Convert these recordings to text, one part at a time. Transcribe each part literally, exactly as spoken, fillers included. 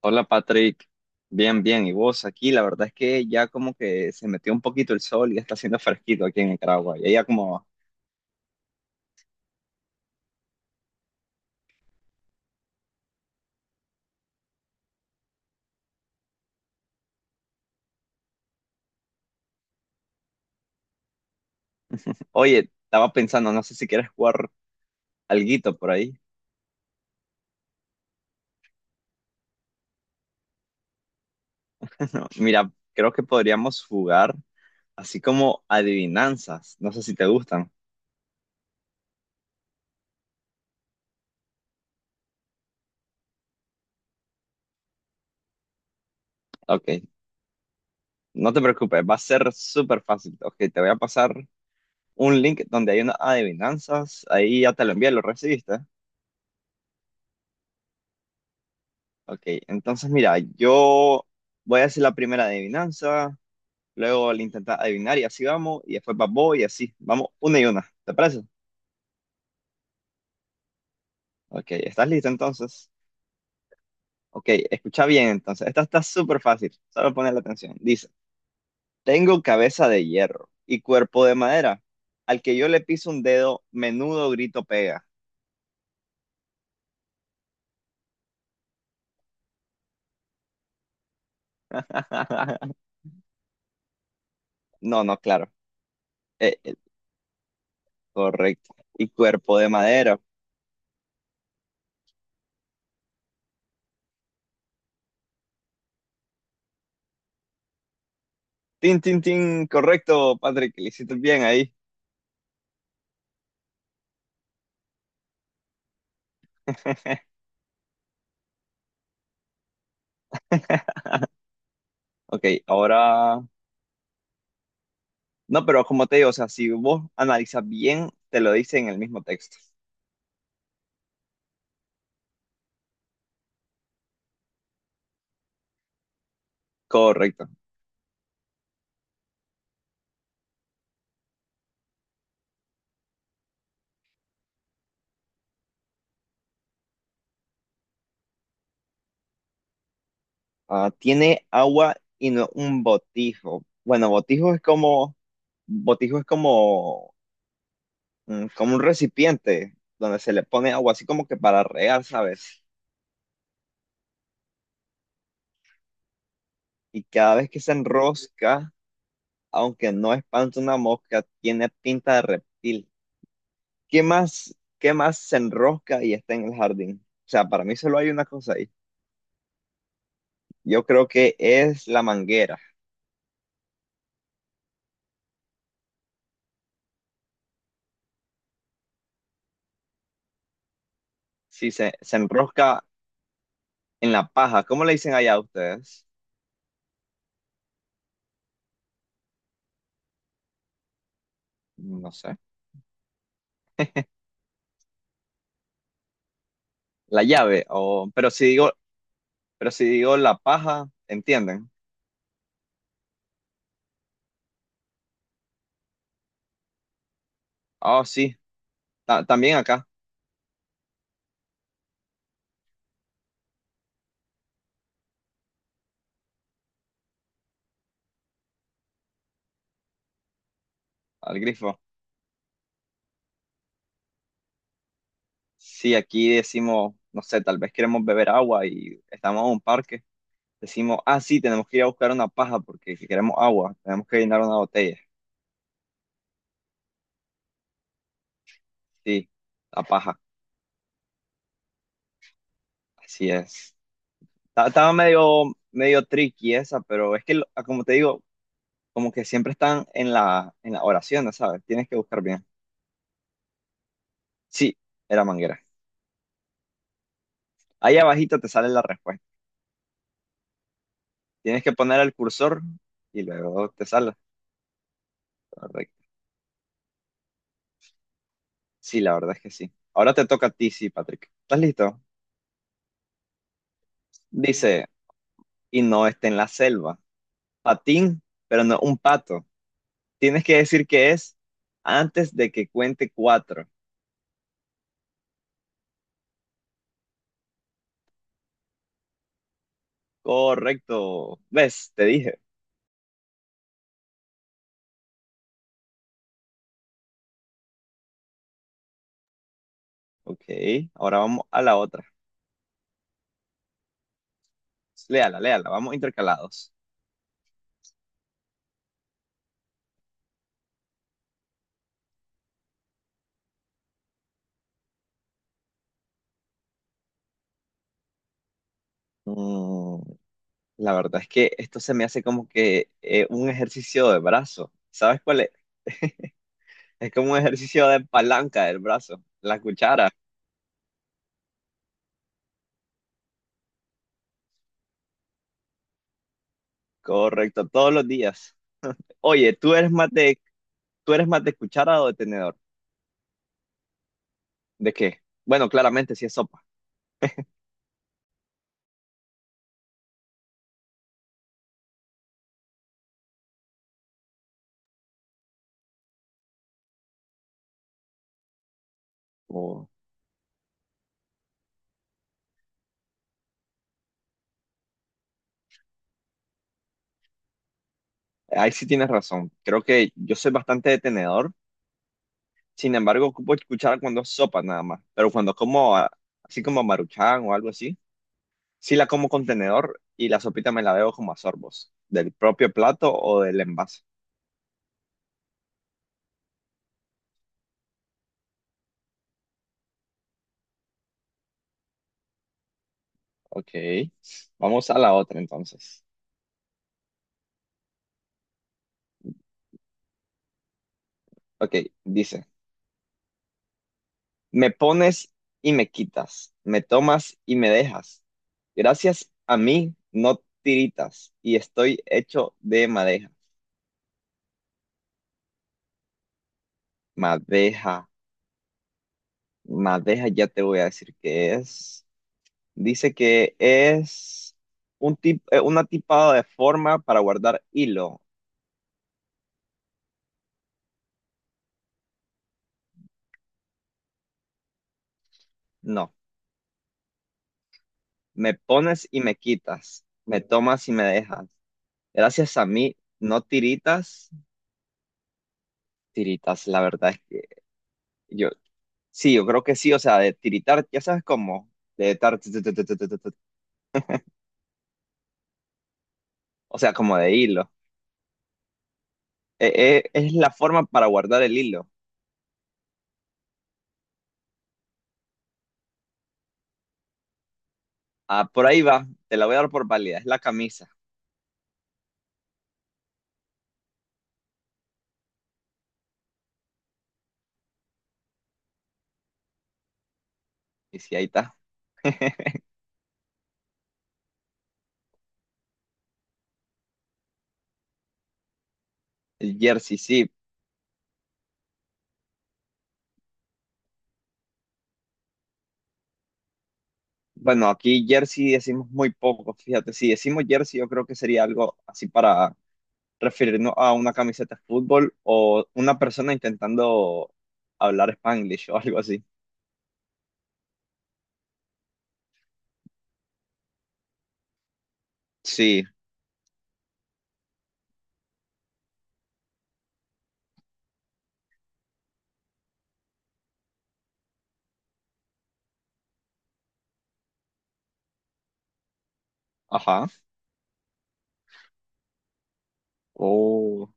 Hola Patrick, bien, bien, ¿y vos aquí? La verdad es que ya como que se metió un poquito el sol y ya está haciendo fresquito aquí en Nicaragua. Y ella como, oye, estaba pensando, no sé si quieres jugar alguito por ahí. Mira, creo que podríamos jugar así como adivinanzas, no sé si te gustan. Ok, no te preocupes, va a ser súper fácil. Ok, te voy a pasar un link donde hay unas adivinanzas, ahí ya te lo envié, lo recibiste. Ok, entonces mira, yo voy a hacer la primera adivinanza. Luego le intentas adivinar y así vamos. Y después vas vos y así. Vamos una y una. ¿Te parece? Ok, ¿estás listo entonces? Ok, escucha bien entonces. Esta está súper fácil. Solo poner la atención. Dice, tengo cabeza de hierro y cuerpo de madera. Al que yo le piso un dedo, menudo grito pega. No, no, claro. Eh, eh, Correcto. Y cuerpo de madera. Tin, tin, tin. Correcto, Patrick. Le hiciste bien ahí. Ok, ahora no, pero como te digo, o sea, si vos analizas bien, te lo dice en el mismo texto. Correcto. Ah, tiene agua y no un botijo. Bueno, botijo es como, botijo es como, mm, como un recipiente donde se le pone agua, así como que para regar, ¿sabes? Y cada vez que se enrosca, aunque no espanta una mosca, tiene pinta de reptil. ¿Qué más, qué más se enrosca y está en el jardín? O sea, para mí solo hay una cosa ahí. Yo creo que es la manguera. Sí, se, se enrosca en la paja. ¿Cómo le dicen allá a ustedes? No sé. La llave. O, pero si digo, pero si digo la paja, ¿entienden? Ah sí. Ta- también acá, al grifo. Sí, aquí decimos, no sé, tal vez queremos beber agua y estamos en un parque. Decimos, ah, sí, tenemos que ir a buscar una paja porque si queremos agua, tenemos que llenar una botella. Sí, la paja. Así es. Ta- estaba medio, medio tricky esa, pero es que, lo- como te digo, como que siempre están en la, en la oración, ¿no ¿sabes? Tienes que buscar bien. Sí, era manguera. Ahí abajito te sale la respuesta. Tienes que poner el cursor y luego te sale. Correcto. Sí, la verdad es que sí. Ahora te toca a ti, sí, Patrick. ¿Estás listo? Dice, y no esté en la selva. Patín, pero no un pato. Tienes que decir que es antes de que cuente cuatro. Correcto. ¿Ves? Te dije. Ok, ahora vamos a la otra. Léala, léala. Vamos intercalados. Mm. La verdad es que esto se me hace como que eh, un ejercicio de brazo. ¿Sabes cuál es? Es como un ejercicio de palanca del brazo, la cuchara. Correcto, todos los días. Oye, ¿tú eres más de, ¿tú eres más de cuchara o de tenedor? ¿De qué? Bueno, claramente sí es sopa. O- ahí sí tienes razón. Creo que yo soy bastante de tenedor. Sin embargo, ocupo cuchara cuando es sopa nada más. Pero cuando como ah, así como maruchan o algo así, sí la como con tenedor y la sopita me la bebo como a sorbos, del propio plato o del envase. Ok, vamos a la otra entonces. Ok, dice, me pones y me quitas, me tomas y me dejas. Gracias a mí no tiritas y estoy hecho de madeja. Madeja, madeja, ya te voy a decir qué es. Dice que es un tip, eh, una tipada de forma para guardar hilo. No, me pones y me quitas, me tomas y me dejas. Gracias a mí no tiritas. Tiritas, la verdad yo, sí, yo creo que sí, o sea, de tiritar, ya sabes cómo, de tar, tu, tu, tu, tu, tu, tu, tu, tu, o sea, como de hilo. Eh, eh, es la forma para guardar el hilo. Ah, por ahí va, te la voy a dar por válida, es la camisa. Y sí, ahí está, el jersey, sí. Bueno, aquí jersey decimos muy poco, fíjate, si decimos jersey, yo creo que sería algo así para referirnos a una camiseta de fútbol o una persona intentando hablar Spanglish o algo así. Sí, ajá. Oh.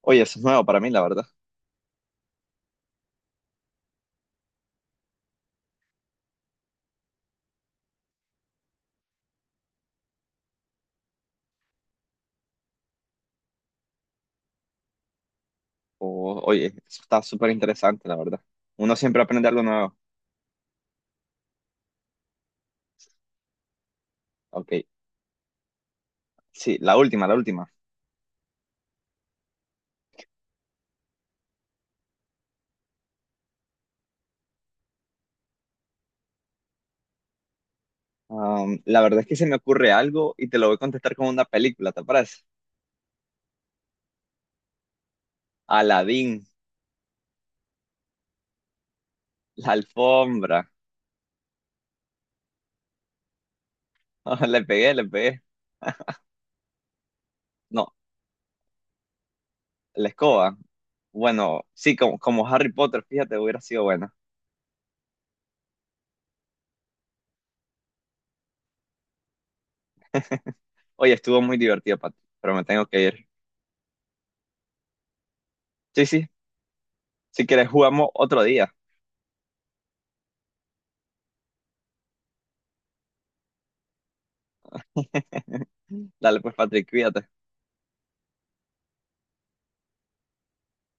Oye, eso es nuevo para mí, la verdad. Oh, oye, eso está súper interesante, la verdad. Uno siempre aprende algo nuevo. Ok, sí, la última, la última. Am, la verdad es que se me ocurre algo y te lo voy a contestar con una película, ¿te parece? Aladdin, la alfombra. Le pegué, le pegué. No, la escoba. Bueno, sí, como, como Harry Potter, fíjate, hubiera sido buena. Oye, estuvo muy divertido, Patrick, pero me tengo que ir. Sí, sí, si quieres jugamos otro día. Dale, pues, Patrick, cuídate.